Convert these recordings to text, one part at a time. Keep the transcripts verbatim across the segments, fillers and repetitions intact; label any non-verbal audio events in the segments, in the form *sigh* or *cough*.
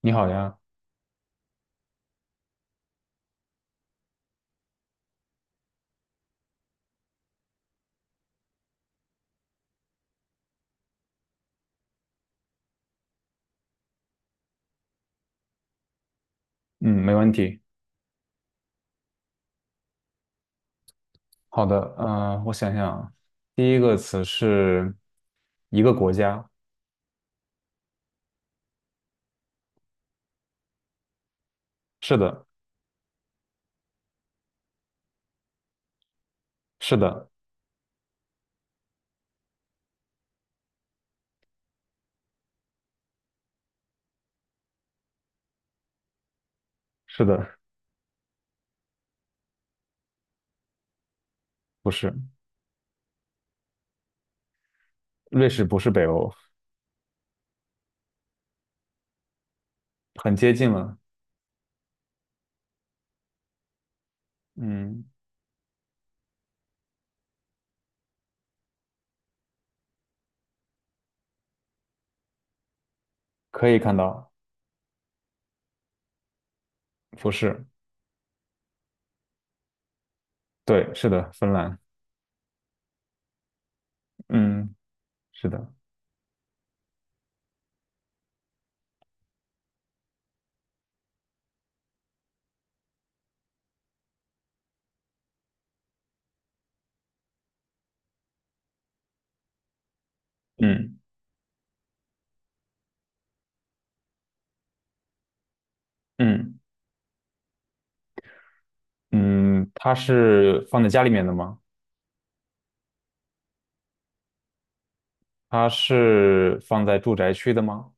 你好呀，嗯，没问题。好的，呃，我想想啊，第一个词是一个国家。是的。是的。是的。不是。瑞士不是北欧。很接近了。嗯。可以看到。不是。对，是的，芬兰。嗯。是的。嗯嗯嗯，它是放在家里面的吗？它是放在住宅区的吗？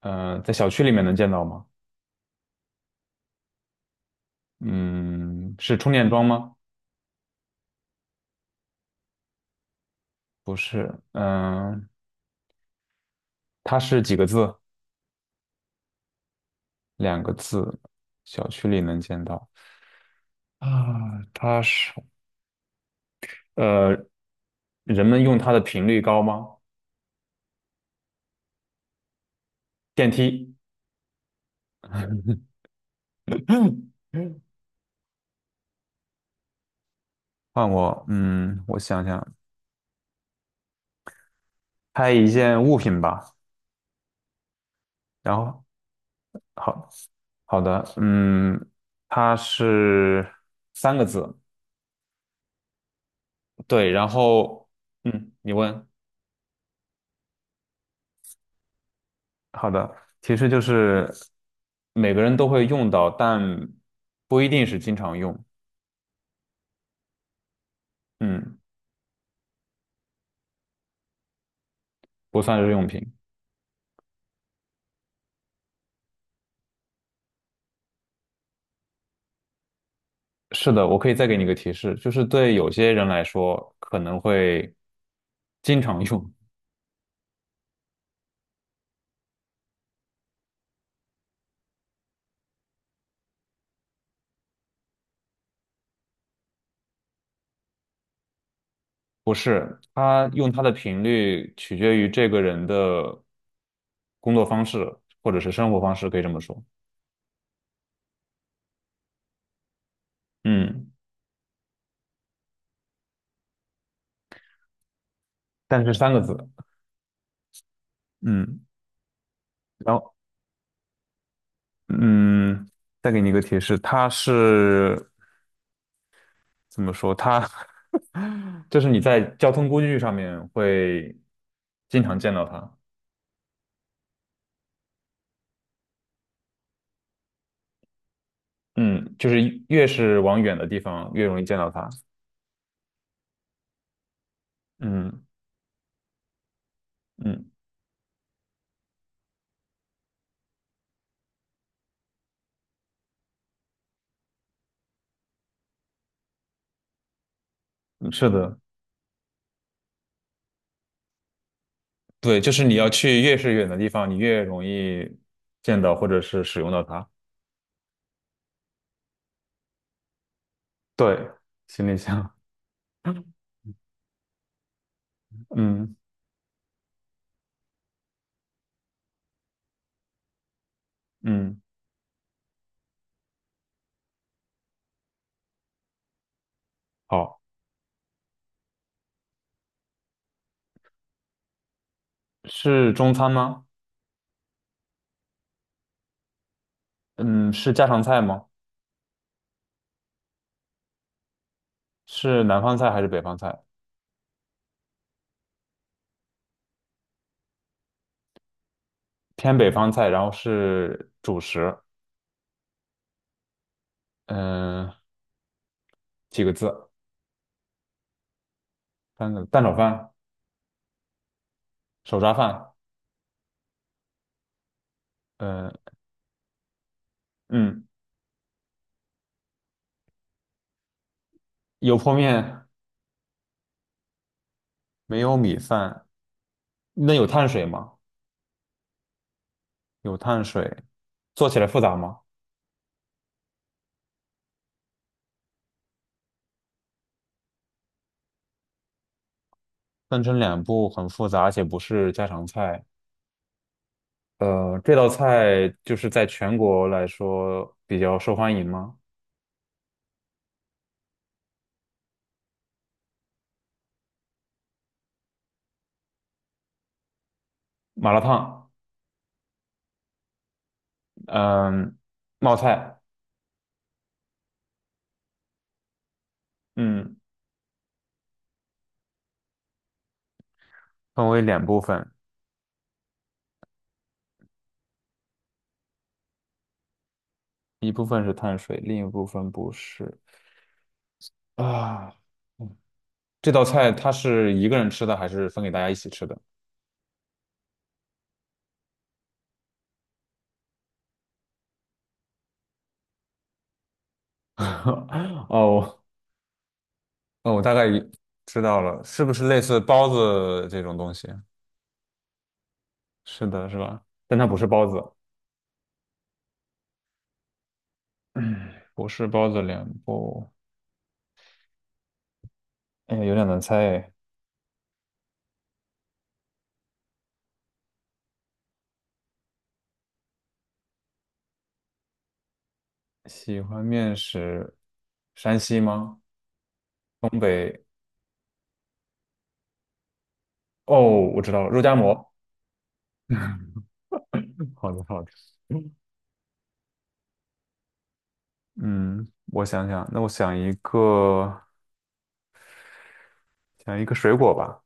呃，在小区里面能见到吗？嗯，是充电桩吗？不是。嗯，它是几个字？两个字。小区里能见到。啊，它是，呃，人们用它的频率高吗？电梯。 *clears throat*。嗯嗯。换我，嗯，我想想，拍一件物品吧。然后，好，好的。嗯，它是三个字。对。然后，嗯，你问。好的，其实就是每个人都会用到，但不一定是经常用。嗯，不算日用品。是的，我可以再给你一个提示，就是对有些人来说可能会经常用。不是，他用它的频率取决于这个人的工作方式或者是生活方式，可以这么说。嗯，但是三个字。嗯。然后嗯，再给你一个提示，它是怎么说？它 *laughs* 就是你在交通工具上面会经常见到它。嗯，就是越是往远的地方，越容易见到它。嗯嗯，是的。对，就是你要去越是远的地方，你越容易见到或者是使用到它。对，行李箱。嗯嗯，好，是中餐吗？嗯，是家常菜吗？是南方菜还是北方菜？偏北方菜，然后是主食。嗯、几个字？三个蛋炒饭、手抓饭。呃嗯，有泡面。没有米饭，那有碳水吗？有碳水，做起来复杂吗？分成两步很复杂，而且不是家常菜。呃，这道菜就是在全国来说比较受欢迎吗？麻辣烫。嗯、冒菜。嗯，分为两部分，一部分是碳水，另一部分不是啊。嗯，这道菜它是一个人吃的，还是分给大家一起吃的？*laughs* 哦，哦，我大概知道了，是不是类似包子这种东西？是的，是吧？但它不是包子。不是包子脸部。哎呀，有点难猜哎。喜欢面食，山西吗？东北？哦，我知道了，肉夹馍。好的，好的。嗯，我想想，那我想一个，想一个水果吧。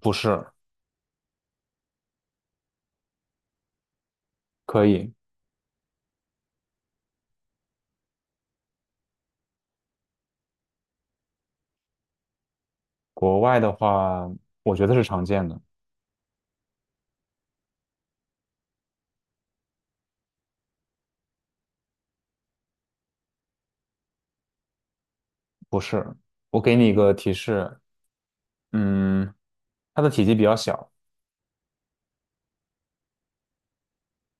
不是。可以。国外的话，我觉得是常见的。不是，我给你一个提示。嗯。它的体积比较小。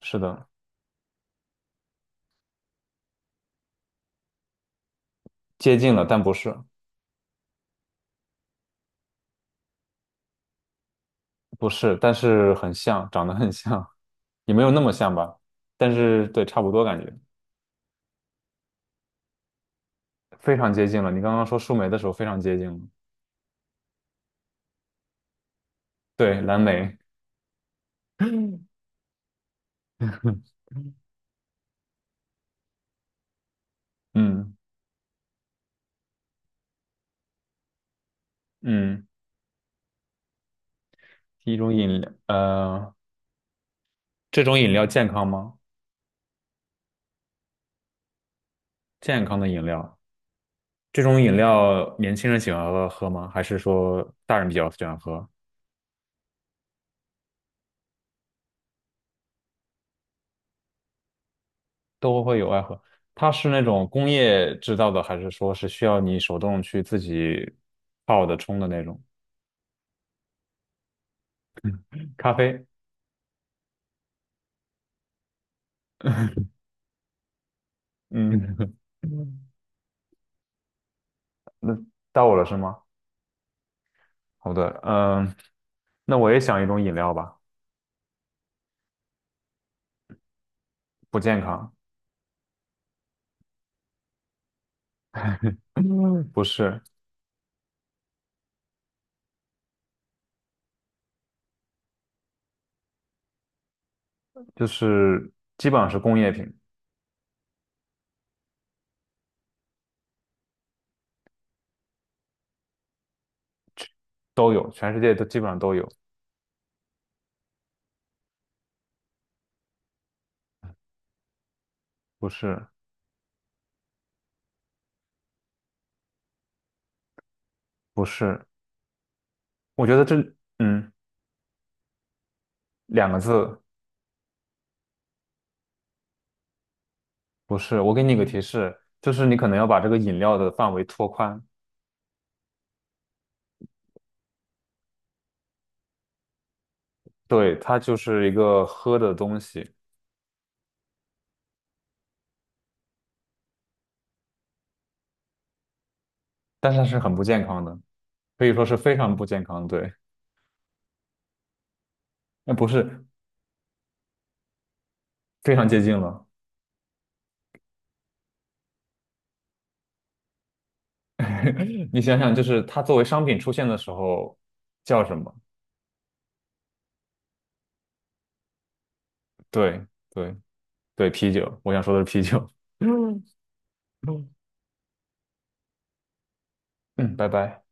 是的。接近了，但不是。不是，但是很像，长得很像。也没有那么像吧，但是对，差不多感觉。非常接近了。你刚刚说树莓的时候非常接近了。对，蓝莓。*laughs* 嗯嗯。一种饮料，呃，这种饮料健康吗？健康的饮料。这种饮料年轻人喜欢喝喝吗？还是说大人比较喜欢喝？都会有爱喝。它是那种工业制造的，还是说是需要你手动去自己泡的冲的那种咖啡？嗯。*laughs* 那到我了是吗？好的，嗯，那我也想一种饮料吧。不健康。嗯不是。就是基本上是工业品。都有，全世界都基本上都有。不是。不是。我觉得这，嗯，两个字。不是，我给你一个提示，就是你可能要把这个饮料的范围拓宽。对，它就是一个喝的东西。但是它是很不健康的，可以说是非常不健康。对，那不是非常接近了。*laughs* 你想想，就是它作为商品出现的时候叫什么？对对对，啤酒，我想说的是啤酒。*laughs* 嗯，嗯，嗯，拜拜。